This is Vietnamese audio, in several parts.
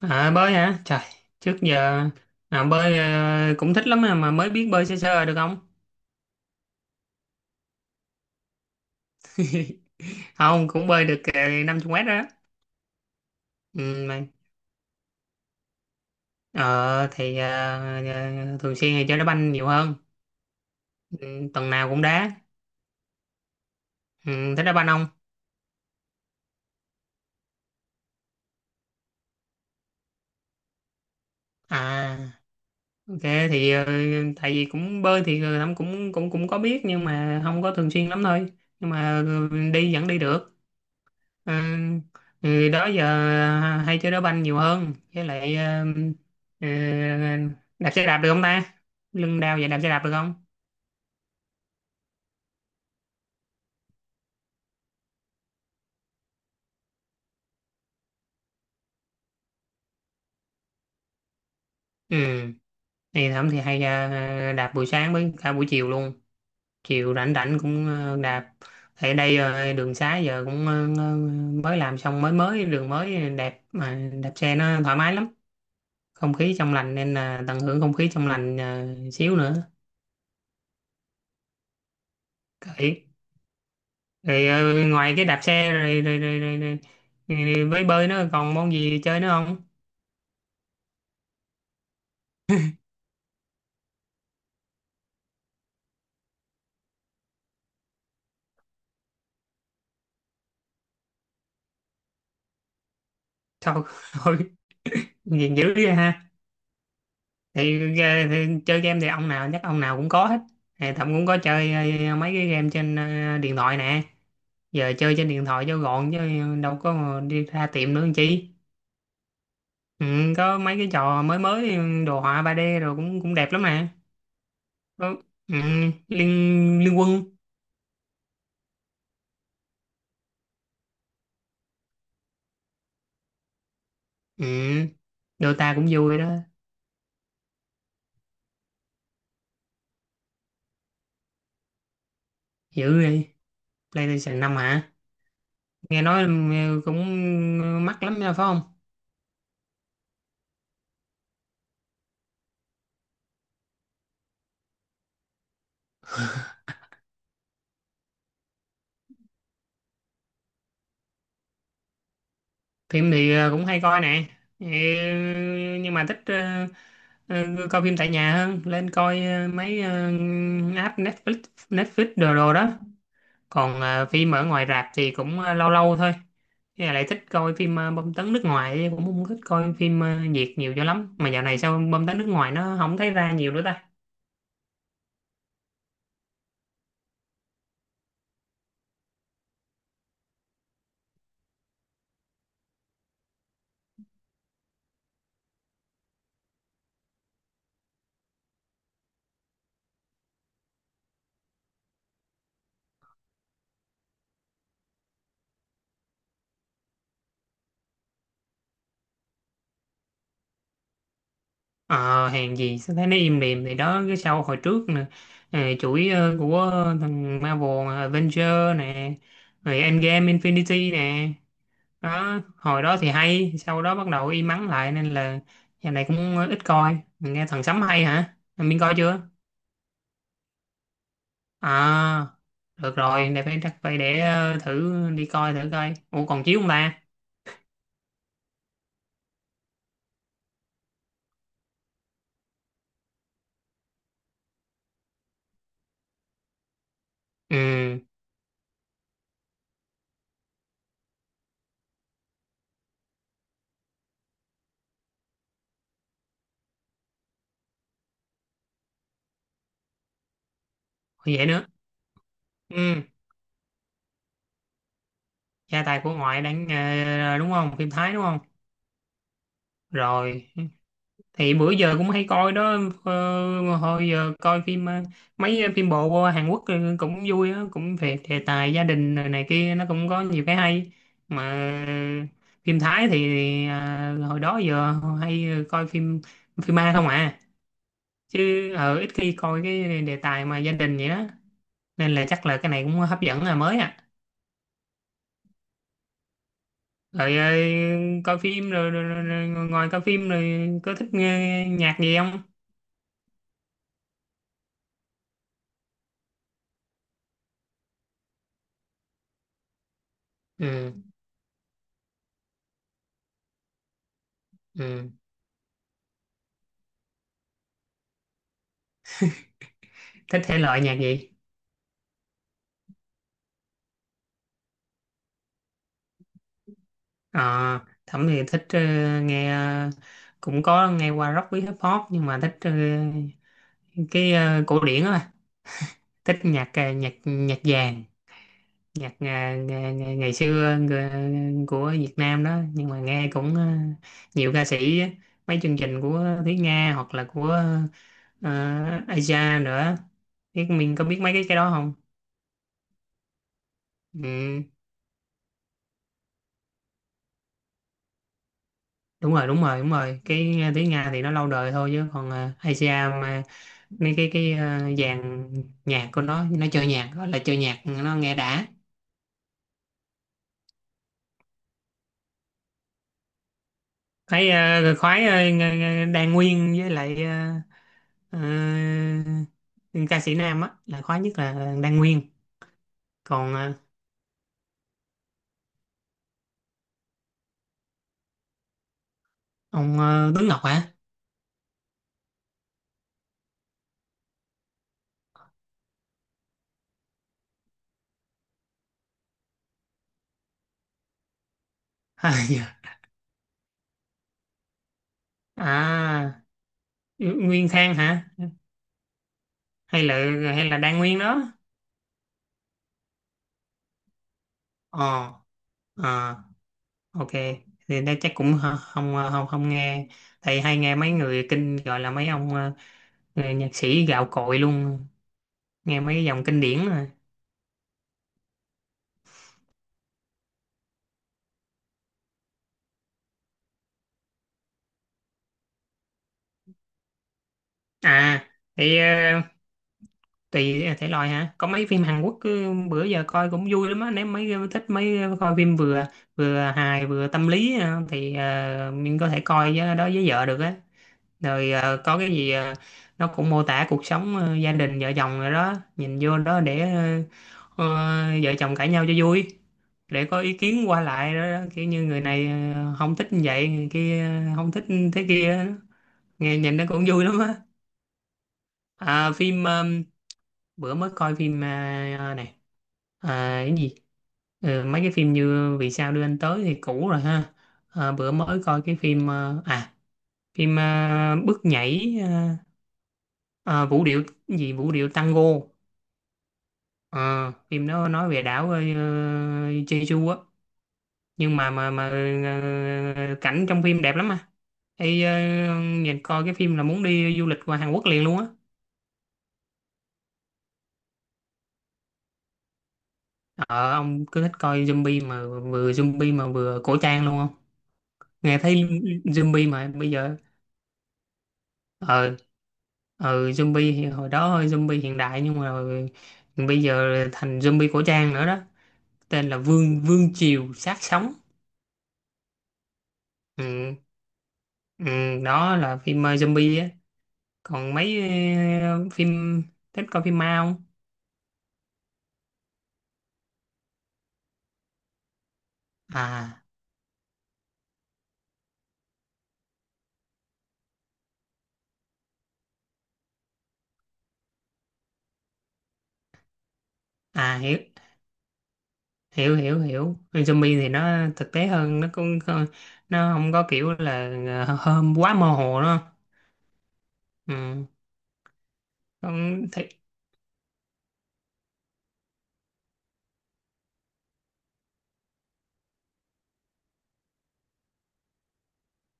À bơi hả? Trời, trước giờ à, bơi cũng thích lắm mà mới biết bơi sơ sơ được không? Không, cũng bơi được 50 mét đó. Ừ, mà, ờ, thì thường xuyên thì chơi đá banh nhiều hơn. Ừ, tuần nào cũng đá. Ừ, thích đá banh không? À, ok thì tại vì cũng bơi thì cũng cũng cũng cũng có biết nhưng mà không có thường xuyên lắm thôi. Nhưng mà đi vẫn đi được. À, thì đó giờ hay chơi đá banh nhiều hơn với lại ờ, đạp xe đạp được không ta, lưng đau vậy đạp xe đạp được không? Ừ thì Thẩm thì hay đạp buổi sáng với cả buổi chiều luôn, chiều rảnh rảnh cũng đạp ở đây. Ờ, Đường xá giờ cũng mới làm xong, mới mới đường mới đẹp mà đạp xe nó thoải mái lắm, không khí trong lành nên là tận hưởng không khí trong lành xíu nữa kệ. Rồi ngoài cái đạp xe rồi với bơi nó còn môn gì chơi nữa không? Thôi, thôi, nghiền dữ vậy ha. Thì chơi game thì ông nào chắc ông nào cũng có hết. Thì Thậm cũng có chơi mấy cái game trên điện thoại nè. Giờ chơi trên điện thoại cho gọn chứ đâu có mà đi ra tiệm nữa làm chi. Ừ, có mấy cái trò mới mới đồ họa 3D rồi cũng cũng đẹp lắm nè. Có- Ừ, liên liên quân. Ừ, Dota cũng vui đó. Dữ đi. PlayStation 5 hả? Nghe nói cũng mắc lắm nha phải không? Phim thì cũng hay coi nè. Ừ, nhưng mà thích coi phim tại nhà hơn, lên coi mấy app Netflix, đồ đồ đó. Còn phim ở ngoài rạp thì cũng lâu lâu thôi. Với lại thích coi phim bom tấn nước ngoài, chứ cũng không thích coi phim Việt nhiều cho lắm, mà dạo này sao bom tấn nước ngoài nó không thấy ra nhiều nữa ta? Ờ, hàng gì sao thấy nó im lìm. Thì đó cái sau hồi trước nè, chuỗi của thằng Marvel nè, Avenger nè, rồi Endgame Infinity nè. Đó hồi đó thì hay, sau đó bắt đầu im ắng lại, nên là giờ này cũng ít coi. Mình nghe thằng Sấm hay hả, mình coi chưa? À, được rồi, để phải chắc phải để thử đi coi, thử coi ủa còn chiếu không ta? Ừ vậy nữa. Ừ, gia tài của ngoại đang đúng không, phim Thái đúng không? Rồi thì bữa giờ cũng hay coi đó. Hồi giờ coi phim mấy phim bộ Hàn Quốc cũng vui á, cũng về đề tài gia đình rồi này kia, nó cũng có nhiều cái hay. Mà phim Thái thì à, hồi đó giờ hay coi phim phim ma không à, chứ ít khi coi cái đề tài mà gia đình vậy đó, nên là chắc là cái này cũng hấp dẫn là mới à. Rồi coi phim rồi ngoài coi phim rồi có thích nghe nhạc gì không? Ừ. Ừ. Thích thể loại nhạc gì? À, Thẩm thì thích nghe cũng có nghe qua rock với hip hop, nhưng mà thích cái cổ điển á bà. Thích nhạc nhạc nhạc vàng, nhạc ngày xưa của Việt Nam đó, nhưng mà nghe cũng nhiều ca sĩ á. Mấy chương trình của Thúy Nga hoặc là của Aja nữa, biết mình có biết mấy cái đó không? Ừ. Đúng rồi, đúng rồi, đúng rồi, cái tiếng Nga thì nó lâu đời thôi, chứ còn Asia, mà mấy cái dàn nhạc của nó chơi nhạc, gọi là chơi nhạc nó nghe đã. Thấy khoái Đan Nguyên, với lại ờ, ờ, ca sĩ nam á là khoái nhất là Đan Nguyên. Còn ông Tuấn Ngọc hả? À, dạ. À, Nguyên Khang hả, hay là hay là Đan Nguyên đó? ờ ờ ok. Thì đây chắc cũng không, không, không nghe. Tại hay nghe mấy người kinh, gọi là mấy ông người nhạc sĩ gạo cội luôn, nghe mấy cái dòng kinh điển rồi. À, thì tùy à, thể loại hả? Có mấy phim Hàn Quốc cứ bữa giờ coi cũng vui lắm á, nếu mấy thích mấy coi phim vừa vừa hài vừa tâm lý thì mình có thể coi với, đó với vợ được á. Rồi có cái gì nó cũng mô tả cuộc sống gia đình vợ chồng rồi đó, nhìn vô đó để ờ, vợ chồng cãi nhau cho vui, để có ý kiến qua lại đó, đó. Kiểu như người này không thích như vậy, người kia không thích thế kia đó. Nghe nhìn nó cũng vui lắm á. À, phim bữa mới coi phim này à, cái gì. Ờ, mấy cái phim như Vì sao đưa anh tới thì cũ rồi ha. Ờ, bữa mới coi cái phim à, phim bước nhảy Ờ, vũ điệu gì, vũ điệu tango. Ờ, phim đó nói về đảo Jeju á, nhưng mà ờ, cảnh trong phim đẹp lắm mà. Ê, nhìn coi cái phim là muốn đi du lịch qua Hàn Quốc liền luôn á. Ờ ông cứ thích coi zombie mà. Vừa zombie mà vừa cổ trang luôn không? Nghe thấy zombie mà bây giờ. ờ ừ, zombie thì hồi đó hơi zombie hiện đại, nhưng mà bây giờ thành zombie cổ trang nữa đó, tên là Vương Vương Triều Sát Sống. Ừ, ừ, đó là phim zombie á. Còn mấy phim, thích coi phim ma không à? À, hiểu hiểu hiểu hiểu. Phim zombie thì nó thực tế hơn, nó cũng nó không có kiểu là hôm quá mơ hồ đó. Ừ, cũng thì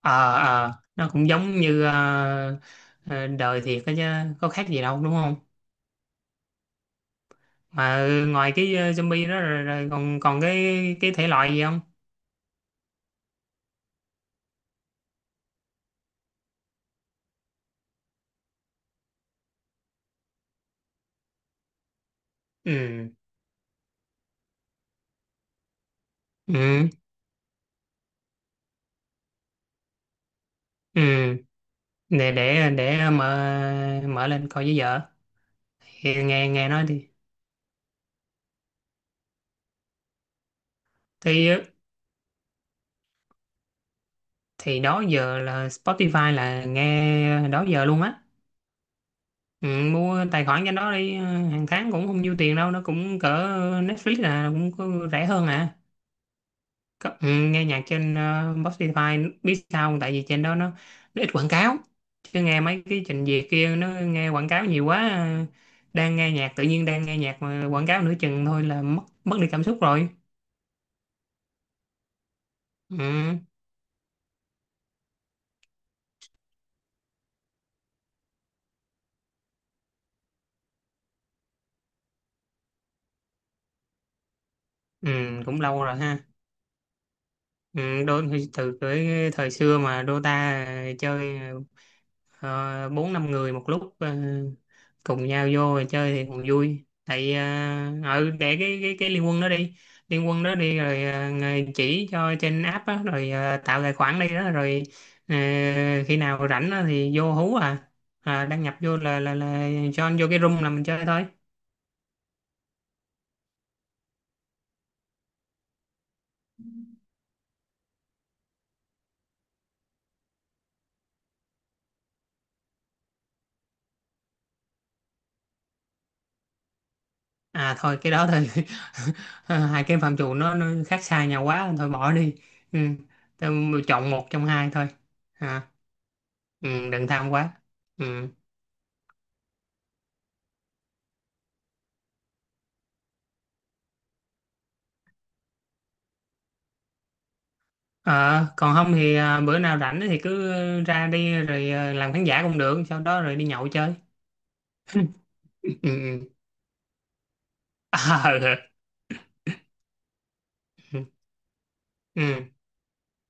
ờ nó cũng giống như ờ, đời thiệt đó chứ, có khác gì đâu đúng không? Mà ngoài cái zombie đó rồi còn còn cái thể loại gì không? Ừ, ừ, ừ, để mở mở lên coi với vợ. Thì nghe nghe nói đi. Thì thì đó giờ là Spotify là nghe đó giờ luôn á. Ừ, mua tài khoản cho nó đi hàng tháng cũng không nhiêu tiền đâu, nó cũng cỡ Netflix, là cũng có rẻ hơn à. Có, ừ, nghe nhạc trên Spotify biết sao không? Tại vì trên đó nó ít quảng cáo. Chứ nghe mấy cái trình duyệt kia nó nghe quảng cáo nhiều quá, đang nghe nhạc, tự nhiên đang nghe nhạc mà quảng cáo nửa chừng thôi là mất mất đi cảm xúc rồi. Ừ. Ừ, cũng lâu rồi ha. Ừ, đôi khi từ cái thời xưa mà Dota chơi ờ, 4-5 người một lúc cùng nhau vô rồi chơi thì còn vui. Tại ừ, để cái liên quân đó đi, liên quân đó đi, rồi người chỉ cho trên app á, rồi tạo tài khoản đi đó, rồi ờ, khi nào rảnh á thì vô hú à. À, đăng nhập vô là join vô cái room là mình chơi thôi. À thôi cái đó thôi. Hai cái phạm trù nó khác xa nhau quá, thôi bỏ đi. Ừ. Tôi chọn một trong hai thôi. À, ừ, đừng tham quá. Ừ. Ờ, còn không thì à, bữa nào rảnh thì cứ ra đi, rồi à, làm khán giả cũng được, sau đó rồi đi nhậu chơi. Ừ. Ừ. À, ừ. Ừ.